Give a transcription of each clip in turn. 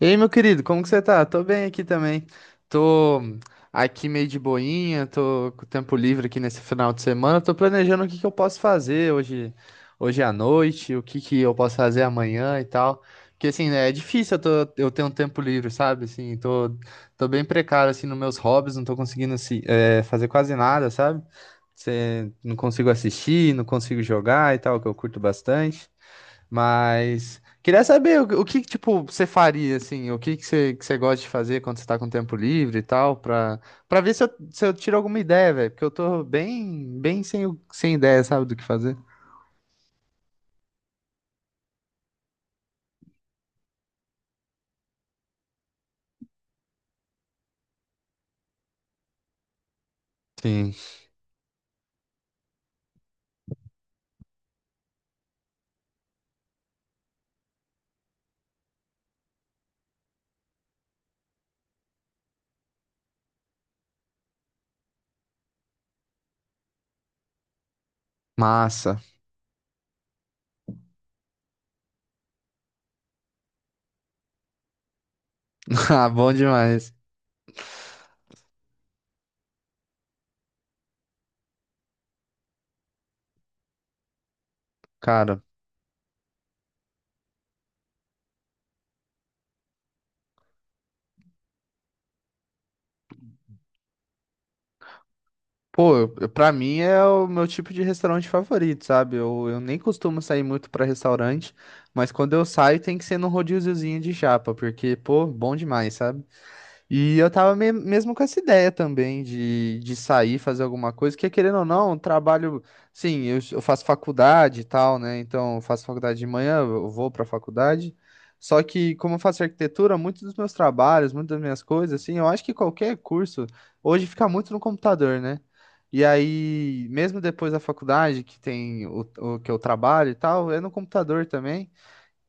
Ei, meu querido, como que você tá? Tô bem aqui também. Tô aqui meio de boinha, tô com tempo livre aqui nesse final de semana. Tô planejando o que que eu posso fazer hoje, hoje à noite, o que que eu posso fazer amanhã e tal. Porque assim, né, é difícil eu ter um tempo livre, sabe? Assim, tô bem precário assim nos meus hobbies, não tô conseguindo assim, fazer quase nada, sabe? Não consigo assistir, não consigo jogar e tal, que eu curto bastante. Mas queria saber tipo, você faria, assim, o que que você gosta de fazer quando você tá com tempo livre e tal, pra ver se eu tiro alguma ideia, velho, porque eu tô bem, sem ideia, sabe, do que fazer. Sim, massa. Ah, bom demais. Cara, pô, pra mim é o meu tipo de restaurante favorito, sabe? Eu nem costumo sair muito pra restaurante, mas quando eu saio tem que ser num rodíziozinho de chapa, porque, pô, bom demais, sabe? E eu tava mesmo com essa ideia também de sair, fazer alguma coisa, que querendo ou não, trabalho. Sim, eu faço faculdade e tal, né? Então, eu faço faculdade de manhã, eu vou pra faculdade. Só que, como eu faço arquitetura, muitos dos meus trabalhos, muitas das minhas coisas, assim, eu acho que qualquer curso hoje fica muito no computador, né? E aí, mesmo depois da faculdade, que tem o que eu trabalho e tal, é no computador também.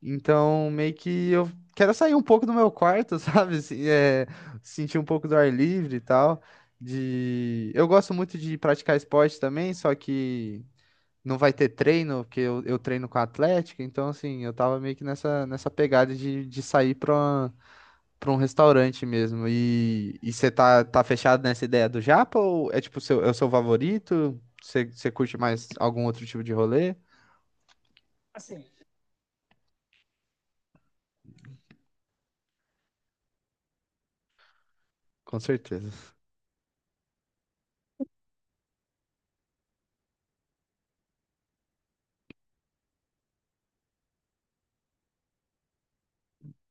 Então, meio que eu quero sair um pouco do meu quarto, sabe? Sentir um pouco do ar livre e tal. De... Eu gosto muito de praticar esporte também, só que não vai ter treino, porque eu treino com a Atlética. Então, assim, eu tava meio que nessa pegada de sair pra um restaurante mesmo. E você tá fechado nessa ideia do Japa ou é tipo seu, é o seu favorito? Você curte mais algum outro tipo de rolê? Com certeza.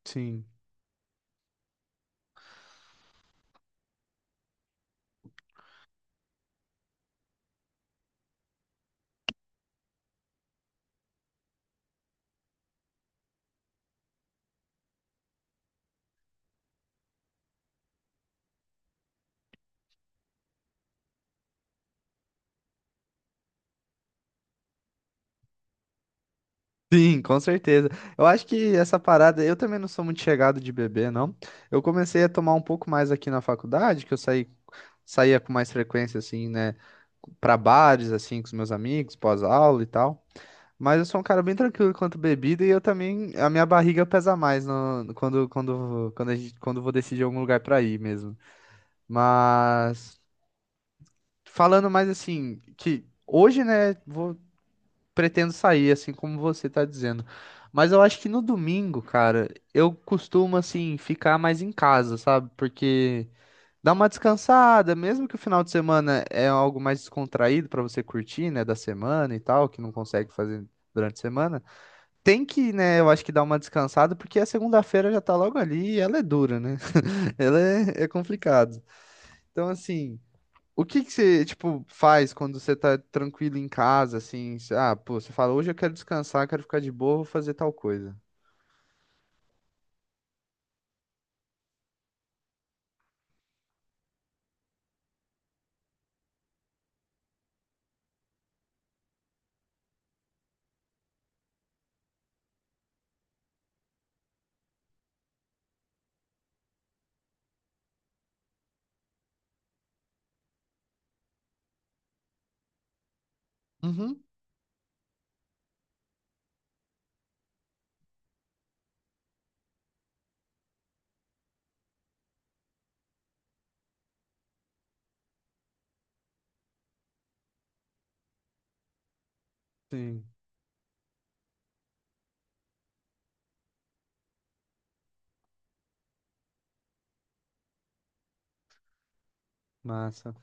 Sim. Sim, com certeza. Eu acho que essa parada, eu também não sou muito chegado de beber, não. Eu comecei a tomar um pouco mais aqui na faculdade, saía com mais frequência, assim, né, pra bares, assim, com os meus amigos, pós-aula e tal. Mas eu sou um cara bem tranquilo quanto bebida e eu também, a minha barriga pesa mais no, quando, quando, quando, a gente, quando eu vou decidir algum lugar pra ir mesmo. Mas, falando mais assim, que hoje, né, vou pretendo sair, assim como você tá dizendo. Mas eu acho que no domingo, cara, eu costumo, assim, ficar mais em casa, sabe? Porque dá uma descansada, mesmo que o final de semana é algo mais descontraído pra você curtir, né, da semana e tal, que não consegue fazer durante a semana. Tem que, né, eu acho que dar uma descansada, porque a segunda-feira já tá logo ali e ela é dura, né? É complicado. Então, assim. O que que você, tipo, faz quando você tá tranquilo em casa, assim? Ah, pô, você fala, hoje eu quero descansar, quero ficar de boa, vou fazer tal coisa. Uhum. Sim, massa,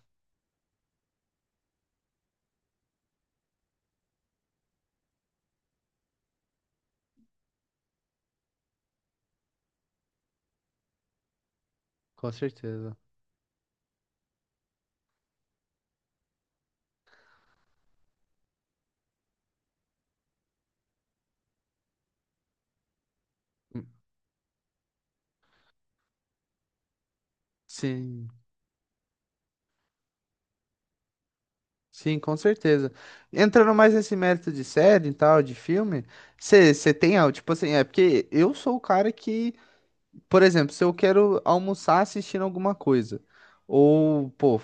com certeza. Hum. Sim, sim, com certeza. Entrando mais nesse mérito de série e tal, de filme, você tem, ah, tipo assim, é porque eu sou o cara que por exemplo, se eu quero almoçar assistindo alguma coisa, ou, pô,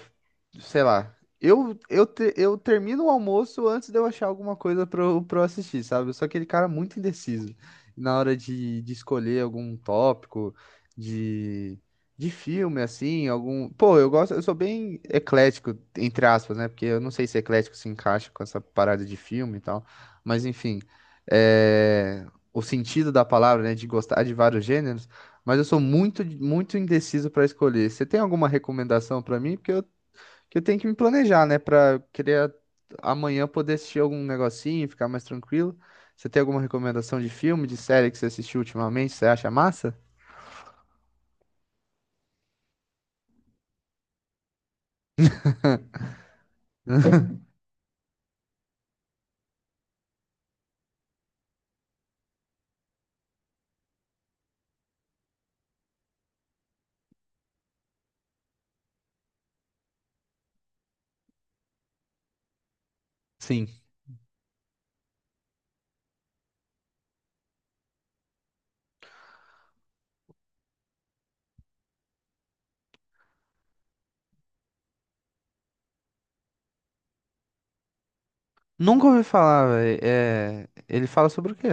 sei lá, eu termino o almoço antes de eu achar alguma coisa pra eu assistir, sabe? Eu sou aquele cara muito indeciso na hora de escolher algum tópico de, de filme, assim, algum. Pô, eu gosto, eu sou bem eclético, entre aspas, né? Porque eu não sei se eclético se encaixa com essa parada de filme e tal, mas enfim. É... O sentido da palavra, né? De gostar de vários gêneros. Mas eu sou muito, muito indeciso para escolher. Você tem alguma recomendação para mim? Porque eu, que eu tenho que me planejar, né? Para eu querer amanhã poder assistir algum negocinho, ficar mais tranquilo. Você tem alguma recomendação de filme, de série que você assistiu ultimamente? Você acha massa? Sim. Nunca ouvi falar, velho. É... Ele fala sobre o quê?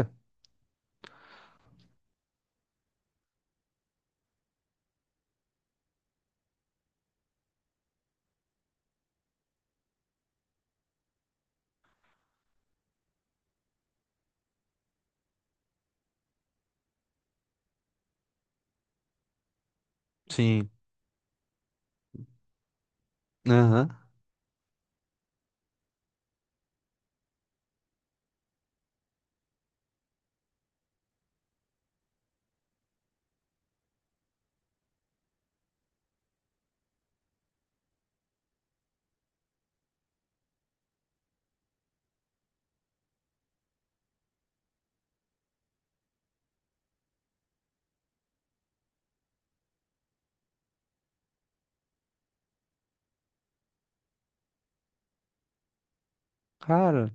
Sim. Aham. Cara,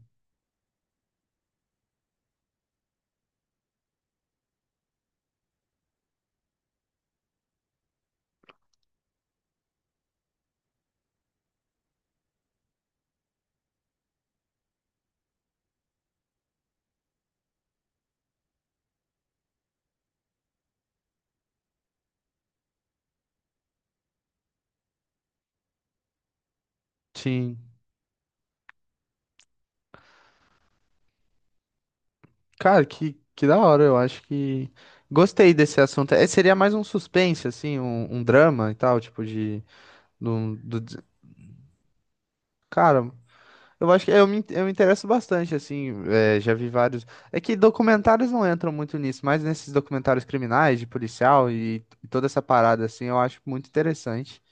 sim. Cara, que da hora. Eu acho que gostei desse assunto. É, seria mais um suspense, assim, um drama e tal, tipo de. Do. Cara, eu acho que eu me interesso bastante, assim, é, já vi vários. É que documentários não entram muito nisso, mas nesses documentários criminais, de policial e toda essa parada, assim, eu acho muito interessante.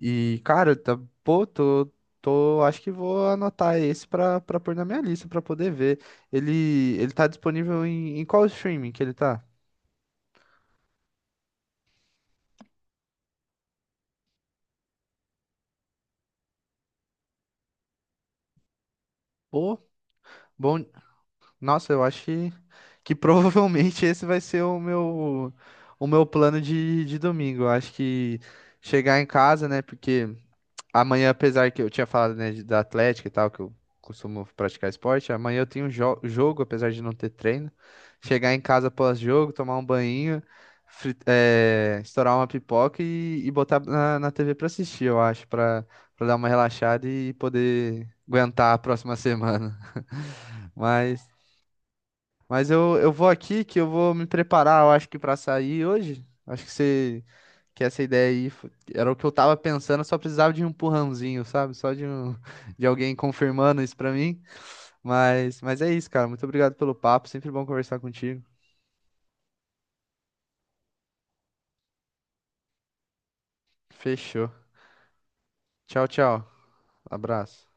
E, cara, tá, pô, acho que vou anotar esse pra pôr na minha lista, pra poder ver. Ele tá disponível em, em qual streaming que ele tá? Pô, bom. Nossa, eu acho que provavelmente esse vai ser o meu plano de domingo. Eu acho que chegar em casa, né? Porque amanhã, apesar que eu tinha falado, né, da Atlética e tal, que eu costumo praticar esporte, amanhã eu tenho um jogo, apesar de não ter treino. Chegar em casa pós-jogo, tomar um banho, estourar uma pipoca e botar na TV pra assistir, eu acho, pra, pra dar uma relaxada e poder aguentar a próxima semana. Mas. Mas eu vou aqui que eu vou me preparar, eu acho que pra sair hoje. Acho que você que essa ideia aí era o que eu tava pensando, eu só precisava de um empurrãozinho, sabe? Só de um, de alguém confirmando isso pra mim. Mas é isso, cara. Muito obrigado pelo papo, sempre bom conversar contigo. Fechou. Tchau, tchau. Abraço.